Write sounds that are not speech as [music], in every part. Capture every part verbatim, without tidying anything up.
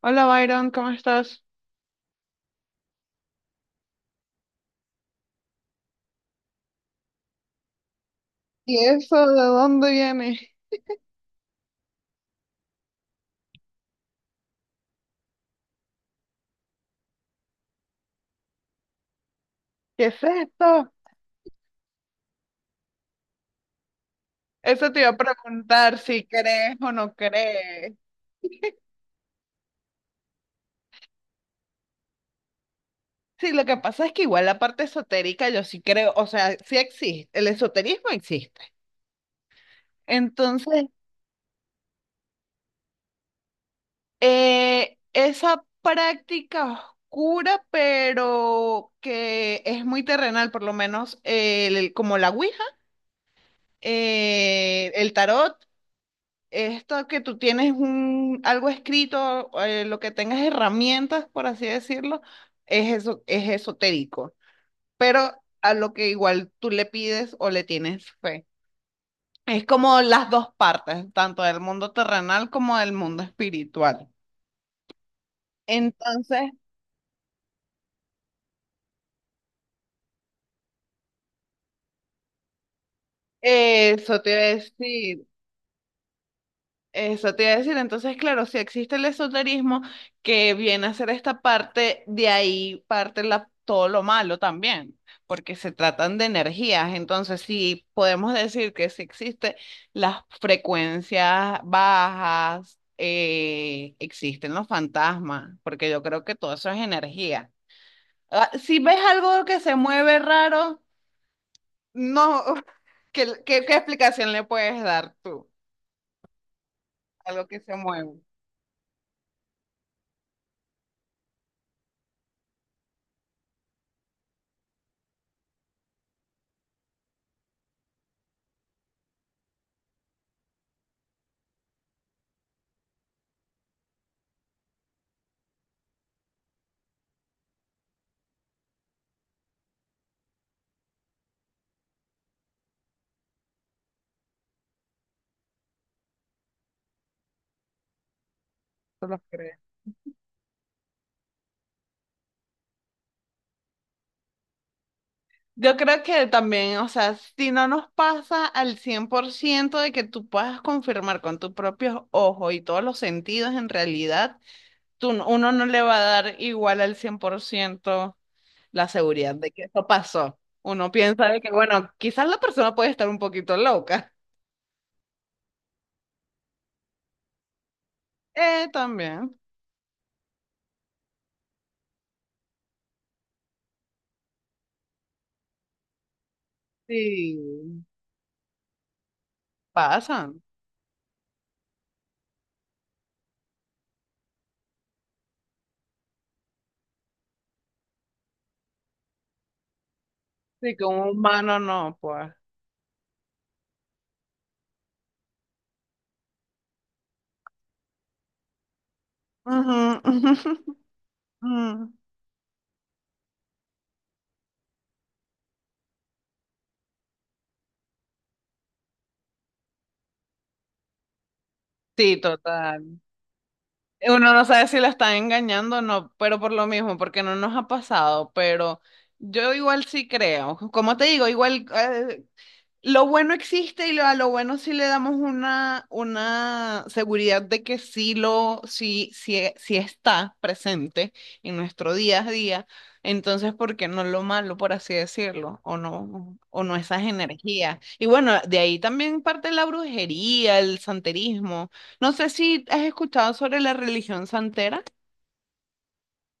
Hola Byron, ¿cómo estás? ¿Y eso de dónde viene? ¿Qué es esto? Eso te iba a preguntar si crees o no crees. Sí, lo que pasa es que igual la parte esotérica yo sí creo, o sea, sí existe, el esoterismo existe. Entonces, eh, esa práctica oscura, pero que es muy terrenal, por lo menos el- el- como la Ouija, eh, el tarot. Esto que tú tienes un, algo escrito, eh, lo que tengas herramientas, por así decirlo, es eso, es esotérico, pero a lo que igual tú le pides o le tienes fe. Es como las dos partes, tanto del mundo terrenal como del mundo espiritual. Entonces, eh, eso te iba a decir. Eso te iba a decir, entonces claro, si existe el esoterismo que viene a ser esta parte, de ahí parte la- todo lo malo también, porque se tratan de energías, entonces si podemos decir que si existe las frecuencias bajas, eh, existen los fantasmas, porque yo creo que todo eso es energía. Ah, si ves algo que se mueve raro, no. [laughs] ¿Qué, qué- qué explicación le puedes dar tú? Algo que se mueve, ¿tú lo crees? Yo creo que también, o sea, si no nos pasa al cien por ciento de que tú puedas confirmar con tus propios ojos y todos los sentidos, en realidad, tú, no- uno no le va a dar igual al cien por ciento la seguridad de que eso pasó. Uno piensa de que, bueno, quizás la persona puede estar un poquito loca. [laughs] Eh, también. Sí, pasan. Sí, que un humano no, pues. Ujú, [laughs] ujú. Sí, total. Uno no sabe si la están engañando o no, pero por lo mismo, porque no nos ha pasado, pero yo igual sí creo. Como te digo, igual eh, lo bueno existe y lo- a lo bueno sí le damos una, una seguridad de que sí lo, sí, sí, sí está presente en nuestro día a día. Entonces, ¿por qué no lo malo, por así decirlo? O no, o no esas energías. Y bueno, de ahí también parte la brujería, el santerismo. No sé si has escuchado sobre la religión santera.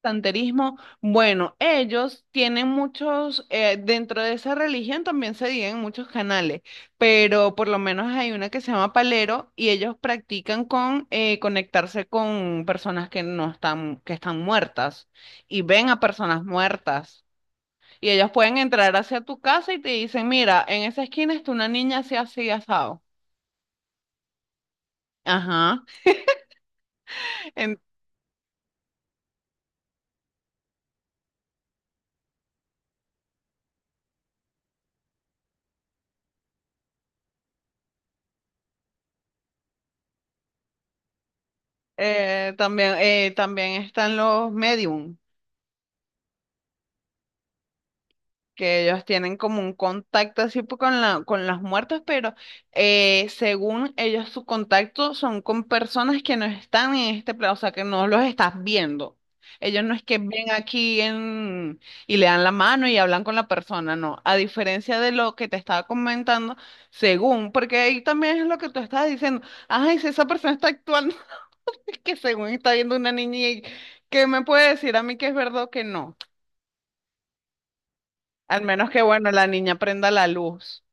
Santerismo, bueno, ellos tienen muchos, eh, dentro de esa religión también se dividen muchos canales, pero por lo menos hay una que se llama Palero y ellos practican con eh, conectarse con personas que no están, que están muertas y ven a personas muertas y ellos pueden entrar hacia tu casa y te dicen, mira, en esa esquina está una niña así, así, asado. Ajá. En- eh, también, eh, también están los medium, que ellos tienen como un contacto así po- con la, con los muertos, pero eh, según ellos su contacto son con personas que no están en este plano, o sea, que no los estás viendo. Ellos no es que ven aquí en, y le dan la mano y hablan con la persona, no. A diferencia de lo que te estaba comentando, según, porque ahí también es lo que tú estabas diciendo, ay, si esa persona está actuando, [laughs] es que según está viendo una niña y que me puede decir a mí que es verdad o que no. Al menos que, bueno, la niña prenda la luz.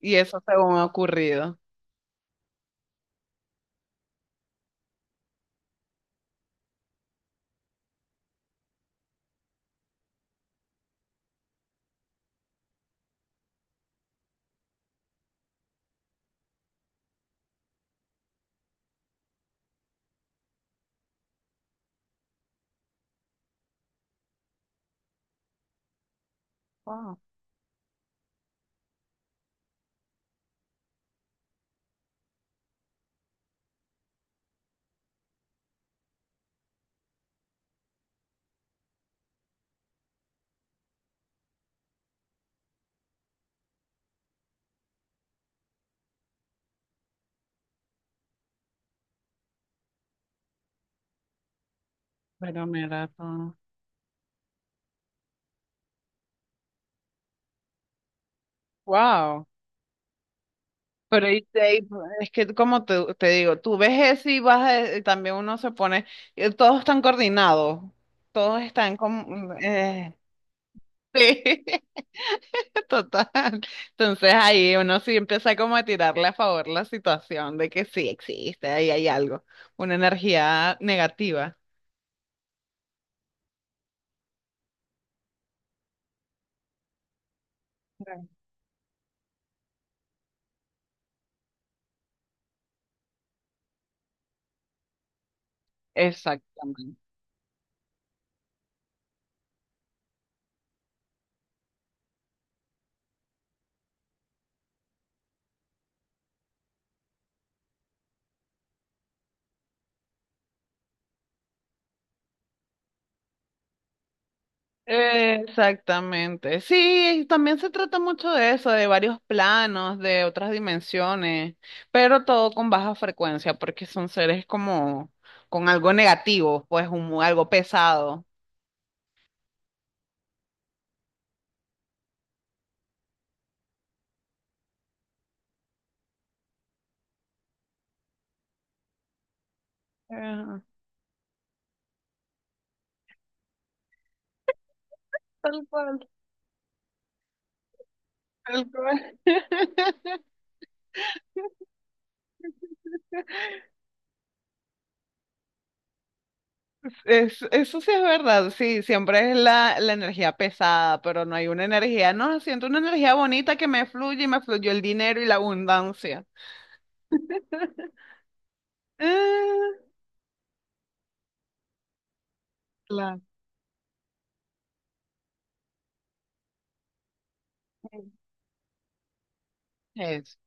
Y eso según ha ocurrido. Wow, pero mira todo. Wow. Pero y te- y es que como te, te digo, tú ves eso y vas a- y también uno se pone, eh, todos están coordinados, todos están como, eh, sí, [laughs] total. Entonces ahí uno sí empieza como a tirarle a favor la situación de que sí existe, ahí hay algo, una energía negativa. Claro. Exactamente. Exactamente. Sí, y también se trata mucho de eso, de varios planos, de otras dimensiones, pero todo con baja frecuencia, porque son seres como con algo negativo, pues un- algo pesado. Ajá, tal cual, tal cual. [laughs] Es- eso sí es verdad, sí, siempre es la, la energía pesada, pero no hay una energía, no, siento una energía bonita que me fluye y me fluyó el dinero y la abundancia. [laughs] Ah, claro. Es-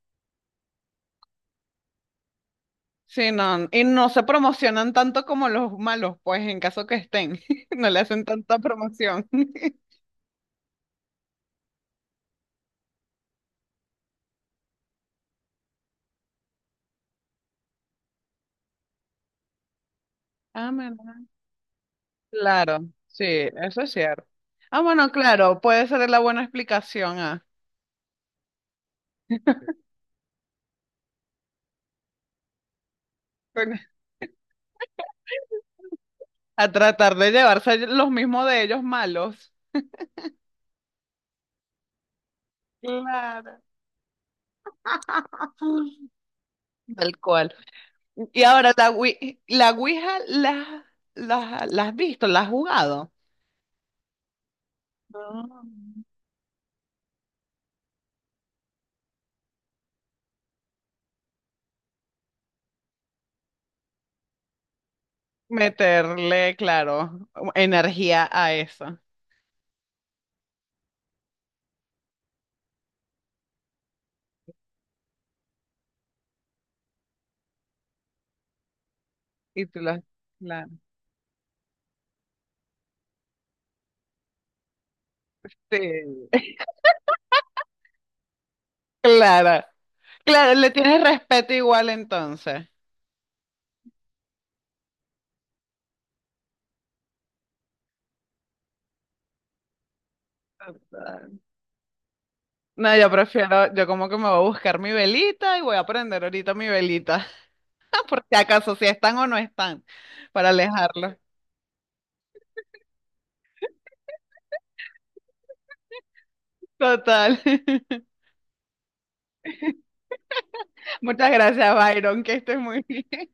sí, no, y no se promocionan tanto como los malos, pues en caso que estén, [laughs] no le hacen tanta promoción. [laughs] Ah, bueno. Claro, sí, eso es cierto. Ah, bueno, claro, puede ser la buena explicación a, bueno, a tratar de llevarse los mismos de ellos malos. Claro. [laughs] Tal cual. Y ahora, la, Ouí- la Ouija, ¿la, la, la has visto? ¿La has jugado? No. Meterle, claro, energía a eso. Y tú lo, claro, sí, claro, claro, le tienes respeto igual entonces. No, yo prefiero, yo como que me voy a buscar mi velita y voy a prender ahorita mi velita, [laughs] por si acaso, si están o no están, para alejarlos. Total. [laughs] Muchas gracias, Byron, que estés muy bien.